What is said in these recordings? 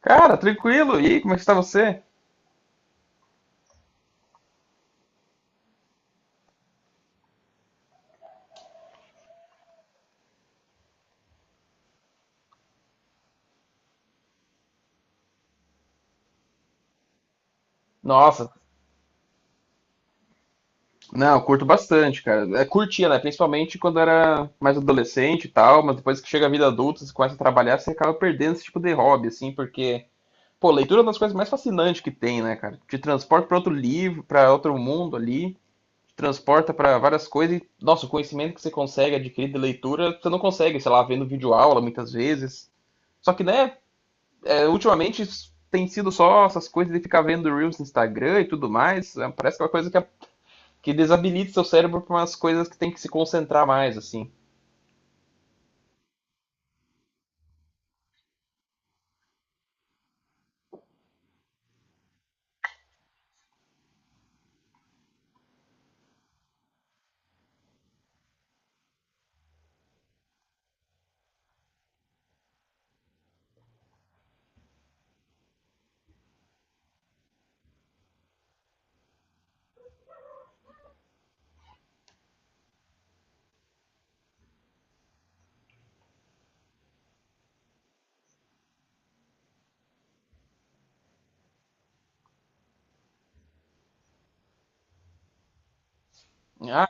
Cara, tranquilo. E aí, como é que está você? Nossa, não, eu curto bastante, cara. Curtia, né? Principalmente quando era mais adolescente e tal, mas depois que chega a vida adulta, você começa a trabalhar, você acaba perdendo esse tipo de hobby, assim, porque, pô, leitura é uma das coisas mais fascinantes que tem, né, cara? Te transporta para outro livro, para outro mundo ali, te transporta para várias coisas e, nossa, o conhecimento que você consegue adquirir de leitura, você não consegue, sei lá, vendo videoaula muitas vezes. Só que, né, ultimamente tem sido só essas coisas de ficar vendo Reels no Instagram e tudo mais. Parece que é uma coisa que, desabilita seu cérebro para umas coisas que tem que se concentrar mais, assim. Ah,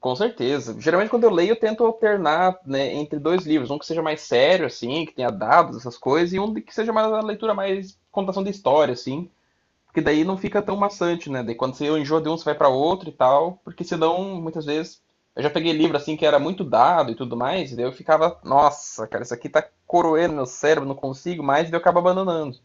com certeza. Geralmente quando eu leio, eu tento alternar, né, entre dois livros. Um que seja mais sério, assim, que tenha dados, essas coisas, e um que seja mais uma leitura mais contação de história, assim. Porque daí não fica tão maçante, né? Daí quando você enjoa de um, você vai para outro e tal. Porque senão, muitas vezes. Eu já peguei livro assim que era muito dado e tudo mais, e daí eu ficava, nossa, cara, isso aqui tá coroendo meu cérebro, não consigo mais, e daí eu acabo abandonando.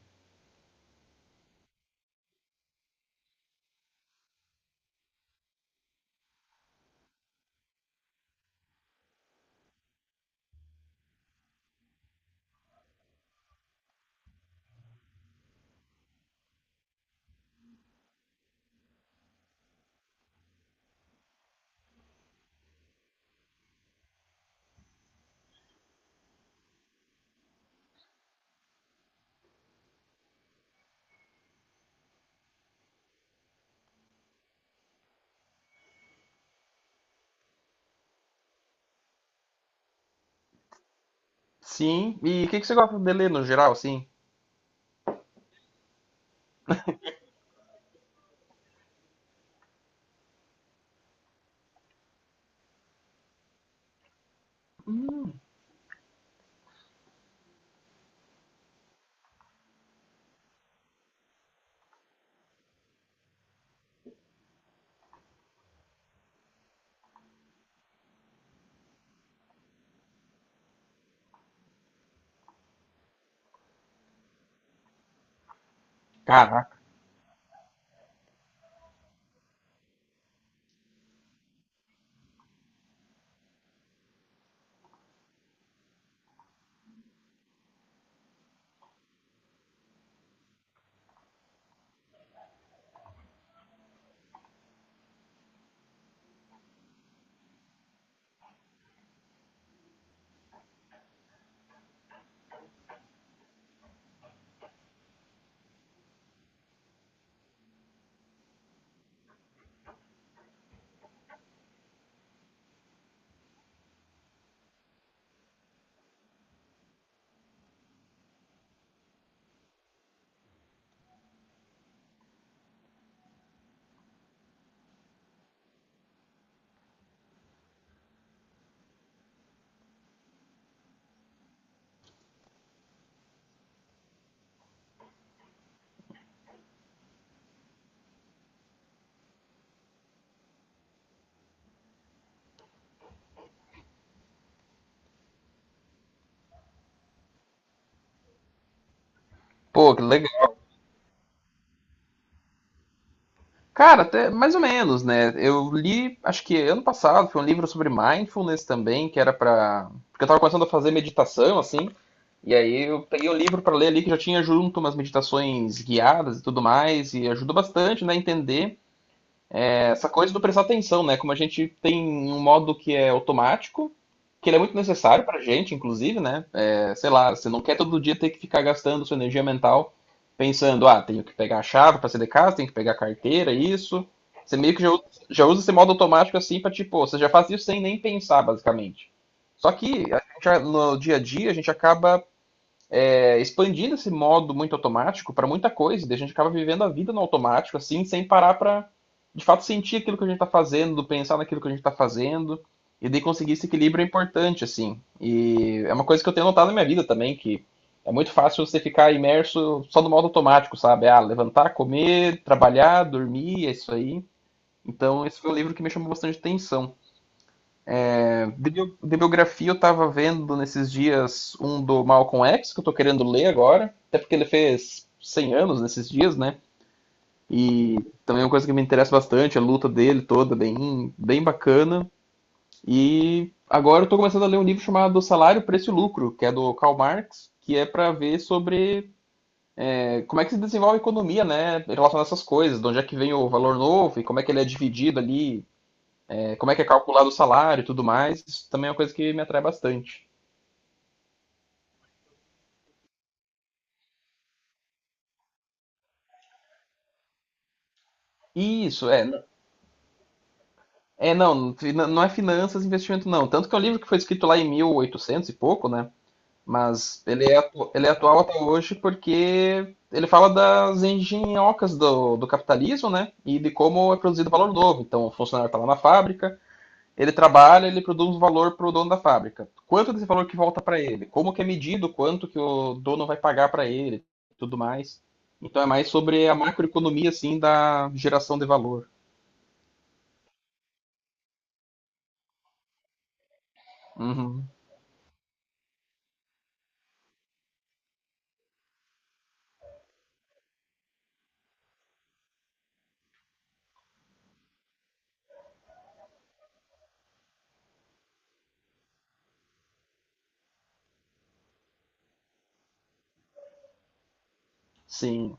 Sim, e que você gosta de ler no geral, assim? Caraca. Pô, que legal. Cara, até mais ou menos, né? Eu li, acho que ano passado, foi um livro sobre mindfulness também, que era pra. Porque eu tava começando a fazer meditação, assim, e aí eu peguei um livro pra ler ali que já tinha junto umas meditações guiadas e tudo mais, e ajudou bastante, né, a entender essa coisa do prestar atenção, né? Como a gente tem um modo que é automático, que ele é muito necessário pra gente, inclusive, né? É, sei lá, você não quer todo dia ter que ficar gastando sua energia mental pensando, ah, tenho que pegar a chave pra sair de casa, tenho que pegar a carteira, isso. Você meio que já, já usa esse modo automático assim pra tipo, você já faz isso sem nem pensar, basicamente. Só que a gente, no dia a dia a gente acaba expandido esse modo muito automático para muita coisa. Daí a gente acaba vivendo a vida no automático, assim, sem parar para de fato sentir aquilo que a gente está fazendo, pensar naquilo que a gente está fazendo. E daí conseguir esse equilíbrio é importante, assim. E é uma coisa que eu tenho notado na minha vida também, que é muito fácil você ficar imerso só no modo automático, sabe? Ah, levantar, comer, trabalhar, dormir, é isso aí. Então, esse foi o livro que me chamou bastante atenção. De, Biografia eu tava vendo nesses dias um do Malcolm X, que eu tô querendo ler agora, até porque ele fez 100 anos nesses dias, né? E também é uma coisa que me interessa bastante, a luta dele toda, bem, bem bacana. E agora eu tô começando a ler um livro chamado Salário, Preço e Lucro, que é do Karl Marx, que é para ver sobre como é que se desenvolve a economia, né, em relação a essas coisas, de onde é que vem o valor novo e como é que ele é dividido ali, como é que é calculado o salário e tudo mais. Isso também é uma coisa que me atrai bastante. Isso, é. É, não, não é finanças e investimento, não. Tanto que é um livro que foi escrito lá em 1800 e pouco, né? Mas ele é, ele é atual até hoje porque ele fala das engenhocas do, do capitalismo, né? E de como é produzido valor novo. Então, o funcionário está lá na fábrica, ele trabalha, ele produz valor para o dono da fábrica. Quanto desse valor que volta para ele? Como que é medido? Quanto que o dono vai pagar para ele? Tudo mais. Então, é mais sobre a macroeconomia, assim, da geração de valor. Uhum. Sim.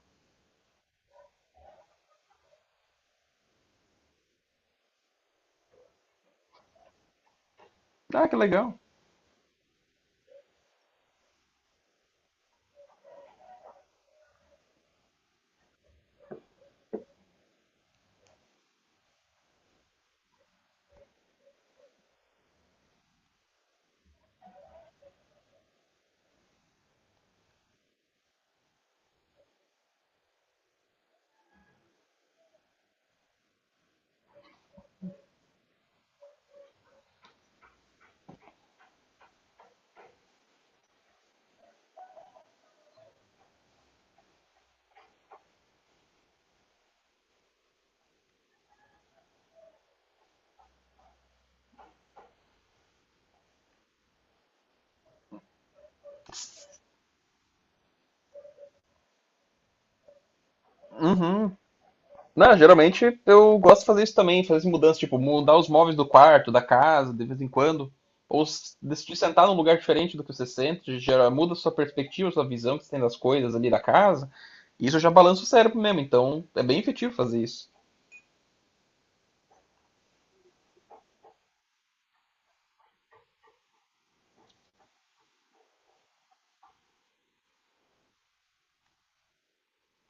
Ah, que legal. Uhum. Não, geralmente eu gosto de fazer isso também, fazer mudanças tipo, mudar os móveis do quarto, da casa, de vez em quando. Decidir sentar num lugar diferente do que você sente, gera, muda a sua perspectiva, sua visão que você tem das coisas ali da casa. E isso já balança o cérebro mesmo, então é bem efetivo fazer isso.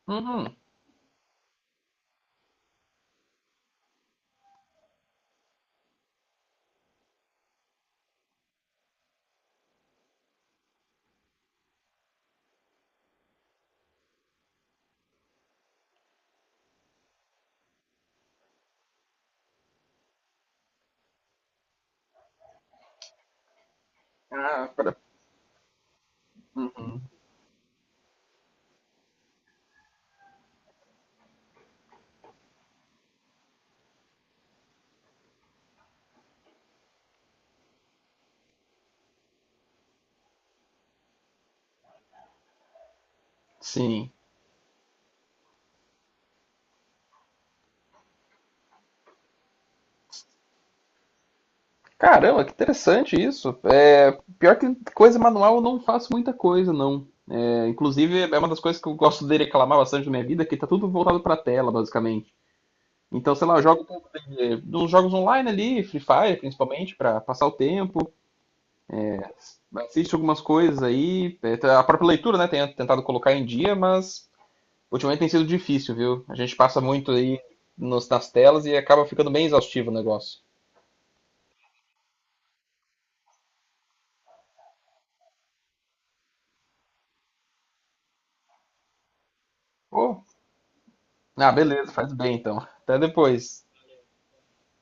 Uhum. Ah, pra- sim. Caramba, que interessante isso. Pior que coisa manual eu não faço muita coisa, não. Inclusive, é uma das coisas que eu gosto de reclamar bastante na minha vida, que tá tudo voltado pra tela, basicamente. Então, sei lá, eu jogo um pouco dos jogos online ali, Free Fire principalmente, para passar o tempo. Assisto algumas coisas aí. É, a própria leitura, né, tenho tentado colocar em dia, mas ultimamente tem sido difícil, viu? A gente passa muito aí nas telas e acaba ficando bem exaustivo o negócio. Pô, ah, beleza, faz bem então. Até depois.